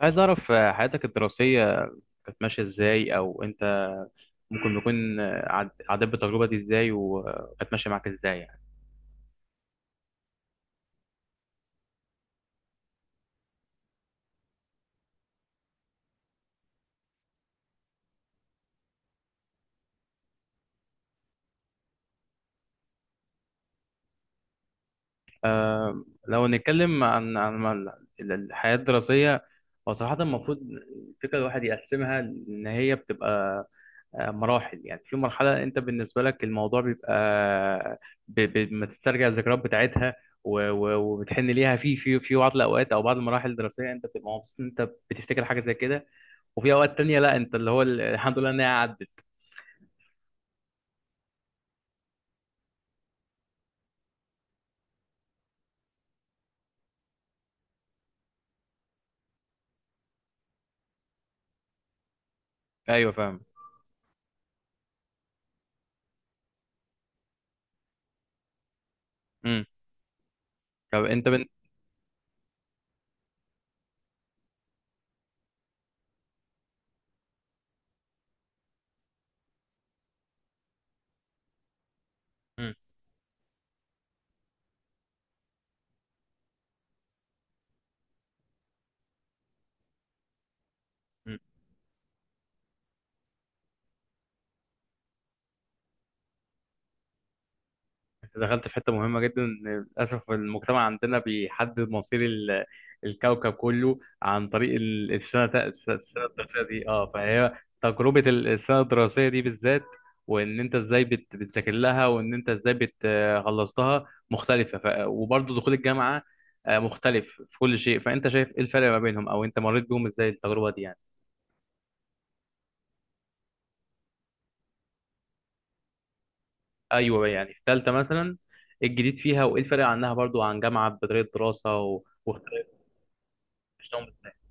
عايز أعرف حياتك الدراسية كانت ماشية إزاي؟ أو أنت ممكن تكون، عديت بالتجربة دي إزاي وكانت ماشية معاك إزاي يعني؟ لو نتكلم عن ما ال- ال- الحياة الدراسية، هو صراحة المفروض فكرة الواحد يقسمها إن هي بتبقى، مراحل. يعني في مرحلة أنت بالنسبة لك الموضوع بيبقى ما تسترجع الذكريات بتاعتها و- و- وبتحن ليها في بعض الأوقات، أو بعض المراحل الدراسية أنت بتبقى مبسوط إن أنت بتفتكر حاجة زي كده. وفي اوقات تانية لا، انت اللي هو الحمد لله ان هي عدت. ايوه فاهم. امم. طب انت بن... مم. مم. انت دخلت في حته مهمه جدا، إن للاسف المجتمع عندنا بيحدد مصير ال... الكوكب كله عن طريق السنه الدراسيه دي. اه، فهي تجربه السنه الدراسيه دي بالذات، وان انت ازاي بت... بتذاكر لها، وان انت ازاي بت... خلصتها مختلفه، ف... وبرضه دخول الجامعه مختلف في كل شيء. فانت شايف ايه الفرق ما بينهم، او انت مريت بيهم ازاي التجربه دي يعني؟ ايوه، يعني في ثالثه مثلا ايه الجديد فيها، وايه الفرق عنها برضو عن جامعه بطريقه دراسه و... واختلاف النظام بتاعها؟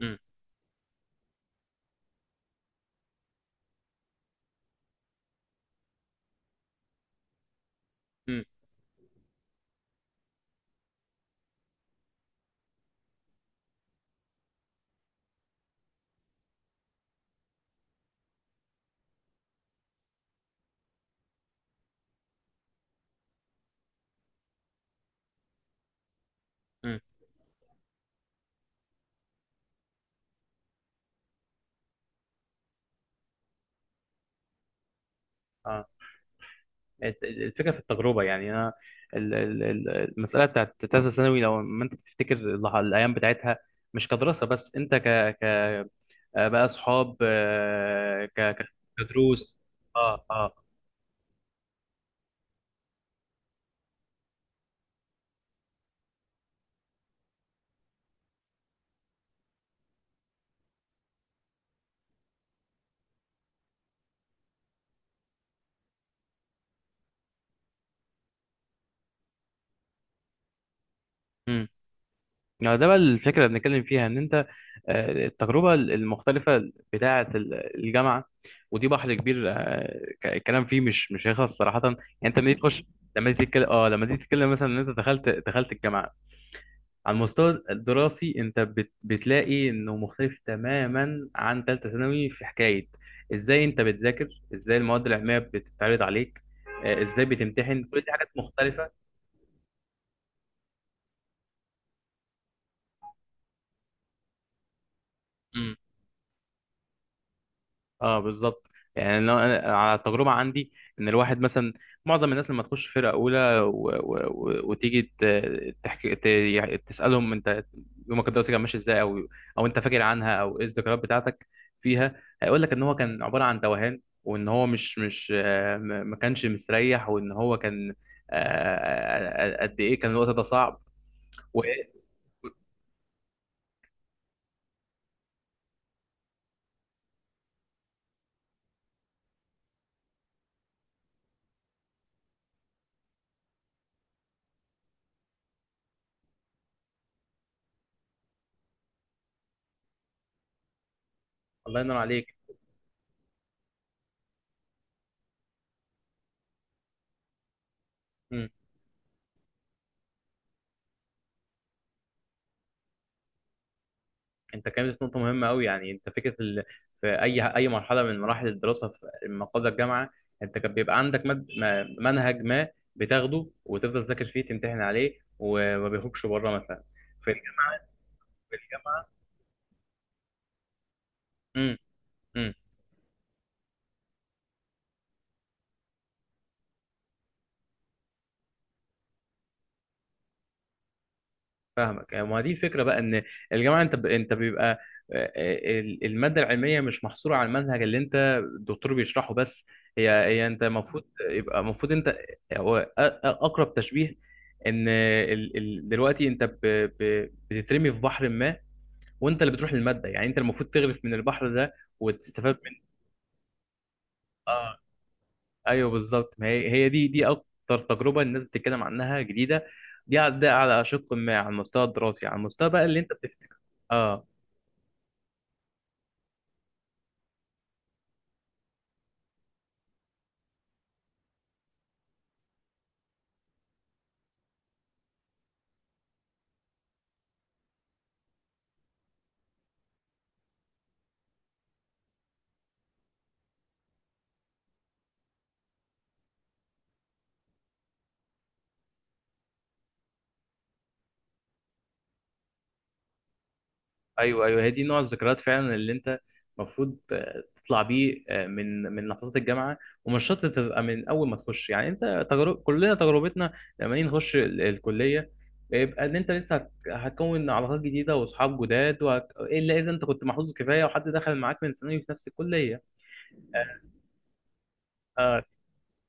مم، مم، مم. اه. الفكره في التجربه، يعني انا ال- ال- ال- المساله بتاعت ثالثه ثانوي، لو ما انت تفتكر الايام بتاعتها مش كدراسه بس، انت ك ك بقى اصحاب، ك كدروس. اه اه. يعني ده بقى الفكرة اللي بنتكلم فيها، ان انت التجربة المختلفة بتاعة الجامعة. ودي بحر كبير، الكلام فيه مش هيخلص صراحة يعني. انت لما تيجي تخش، لما تيجي تتكلم، اه لما تيجي تتكلم مثلا ان انت دخلت الجامعة، على المستوى الدراسي انت بتلاقي انه مختلف تماما عن ثالثة ثانوي في حكاية ازاي انت بتذاكر، ازاي المواد العلمية بتتعرض عليك، ازاي بتمتحن. كل دي حاجات مختلفة. اه بالظبط. يعني لو انا على التجربه عندي، ان الواحد مثلا، معظم الناس لما تخش فرقه اولى و... و... و... وتيجي تحكي ت... يعني تسالهم انت يومك الدراسي كان ماشي ازاي، او او انت فاكر عنها، او ايه الذكريات بتاعتك فيها، هيقول لك ان هو كان عباره عن توهان، وان هو مش ما كانش مستريح، وان هو كان، قد ايه كان الوقت ده صعب. و... الله ينور عليك. إمم. انت كانت نقطة مهمة قوي، يعني انت فكرة ال... في اي مرحلة من مراحل الدراسة في ما قبل الجامعة، انت كان بيبقى عندك مد... منهج ما بتاخده وتفضل تذاكر فيه، تمتحن عليه وما بيخرجش بره مثلا. في الجامعة، امم، فاهمك. يعني ما دي فكرة بقى ان الجامعة انت ب... انت بيبقى، المادة العلمية مش محصورة على المنهج اللي انت، الدكتور بيشرحه بس. هي انت المفروض، يبقى المفروض انت، هو اقرب تشبيه ان ال... ال... دلوقتي انت ب... ب... بتترمي في بحر ما، وانت اللي بتروح للمادة. يعني انت المفروض تغرف من البحر ده، وتستفاد منه. اه. ايوه بالظبط، ما هي دي دي اكتر تجربة الناس بتتكلم عنها جديدة. ده على شق ما على المستوى الدراسي، على المستوى بقى اللي انت بتفتكر. ايوه ايوه، هي دي نوع الذكريات فعلا اللي انت المفروض تطلع بيه من من لحظات الجامعه. ومش شرط تبقى من اول ما تخش، يعني انت تجرب، كلنا تجربتنا لما نيجي نخش الكليه يبقى ان انت لسه هتكون علاقات جديده واصحاب جداد، وهت... الا اذا انت كنت محظوظ كفايه وحد دخل معاك من ثانوي في نفس الكليه. آه،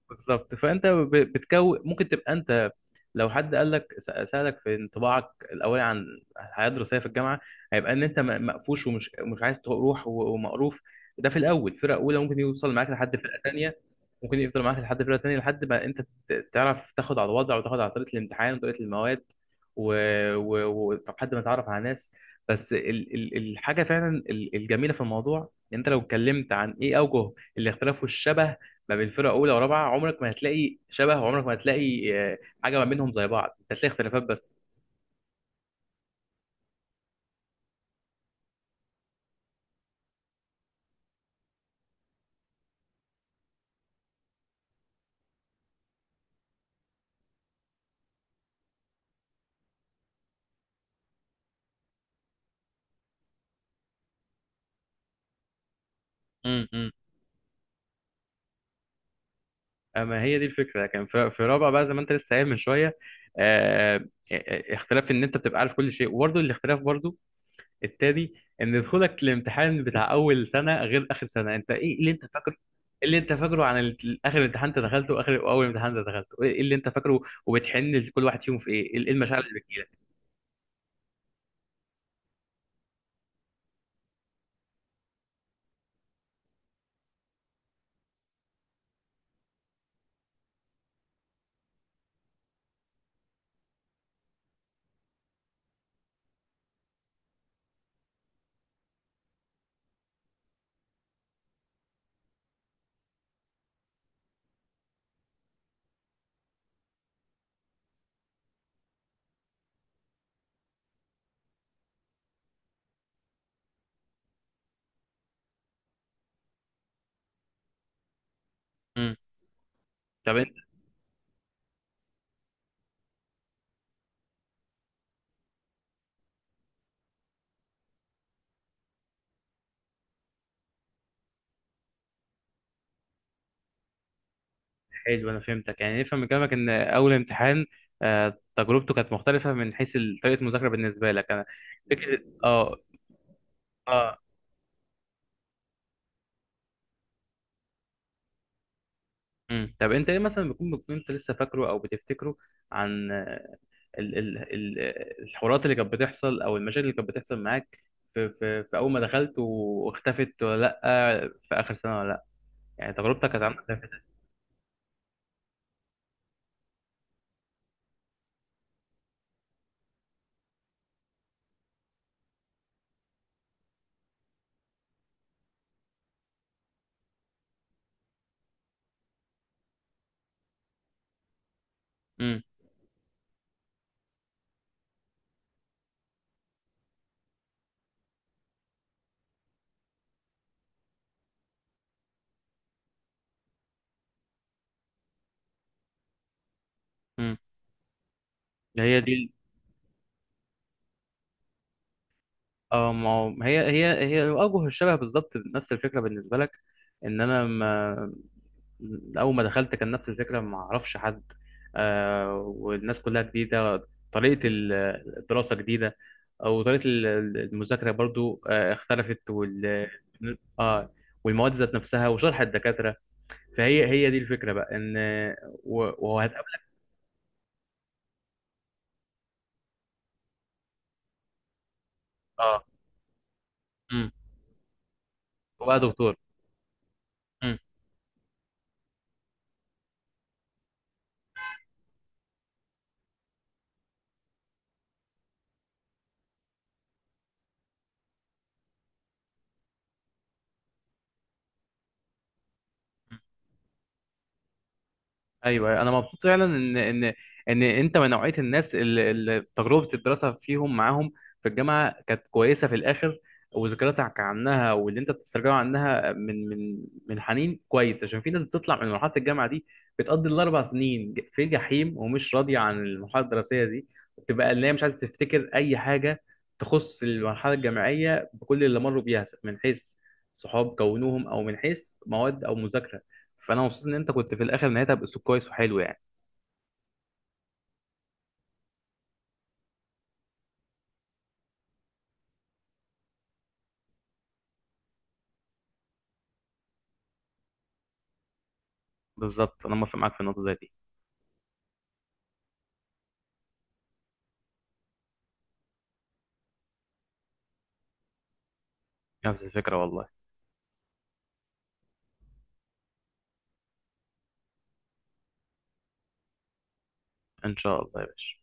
بالظبط. فانت بتكون ممكن تبقى انت، لو حد قال لك سالك في انطباعك الاولي عن الحياه الدراسيه في الجامعه، هيبقى ان انت مقفوش ومش مش عايز تروح و- ومقروف. ده في الاول فرقه اولى، ممكن يوصل معاك لحد فرقه تانيه، ممكن يفضل معاك لحد فرقه تانيه لحد ما انت تعرف تاخد على الوضع، وتاخد على طريقه الامتحان وطريقه المواد، ولحد و... و- ولحد ما تعرف على ناس. بس ال... ال... الحاجه فعلا الجميله في الموضوع، ان انت لو اتكلمت عن ايه اوجه الاختلاف والشبه ما بين فرقه اولى ورابعه، عمرك ما هتلاقي شبه، وعمرك ما هتلاقي حاجه ما بينهم زي بعض. انت هتلاقي اختلافات بس. امم. اما هي دي الفكره. كان في في رابعه بقى زي ما انت لسه قايل من شويه، آه، آه، اختلاف ان انت بتبقى عارف كل شيء، وبرضه الاختلاف برضه التاني ان دخولك الامتحان بتاع اول سنه غير اخر سنه. انت ايه اللي انت فاكره؟ إيه اللي انت فاكره عن اخر امتحان انت دخلته، واخر واول امتحان انت دخلته، ايه إيه اللي انت فاكره؟ وبتحن لكل واحد فيهم في ايه؟ ايه المشاعر اللي بتجيلك؟ أمم. طب، حلو انا فهمتك. يعني نفهم من كلامك ان اول امتحان تجربته كانت مختلفه من حيث طريقه المذاكره بالنسبه لك. انا فكره. اه اه. مم. طب انت ايه مثلا بيكون، انت لسه فاكره او بتفتكره عن، ال ال ال الحوارات اللي كانت بتحصل، او المشاكل اللي كانت بتحصل معاك في, اول ما دخلت واختفت، ولا لا في اخر سنه ولا لا؟ يعني تجربتك كانت عامله ازاي؟ امم امم، هي دي ال-. اه، ما هو- هي اوجه الشبه، بالظبط نفس الفكره بالنسبه لك، ان انا ما، اول ما دخلت كان نفس الفكره، ما اعرفش حد، آه والناس كلها جديده، طريقه الدراسه جديده، وطريقه المذاكره برضو آه اختلفت، وال اه، والمواد ذات نفسها، وشرح الدكاتره. فهي هي دي الفكره بقى ان و- وهتقابلك. اه. امم. وبقى دكتور. امم. ايوه، انا مبسوط فعلا ان ان انت من نوعيه الناس اللي, تجربه الدراسه فيهم معاهم في الجامعه كانت كويسه في الاخر، وذكرياتك عنها واللي انت بتسترجعه عنها من حنين كويس. عشان في ناس بتطلع من مرحله الجامعه دي بتقضي الـ4 سنين في جحيم، ومش راضيه عن المرحله الدراسيه دي، بتبقى اللي هي مش عايزه تفتكر اي حاجه تخص المرحله الجامعيه بكل اللي مروا بيها، من حيث صحاب كونوهم، او من حيث مواد او مذاكره. فانا مبسوط ان انت كنت في الاخر نهايتها باسلوب كويس وحلو يعني. بالظبط، انا موافق معاك في النقطه زي دي. نفس الفكره والله. ان شاء الله يا باشا.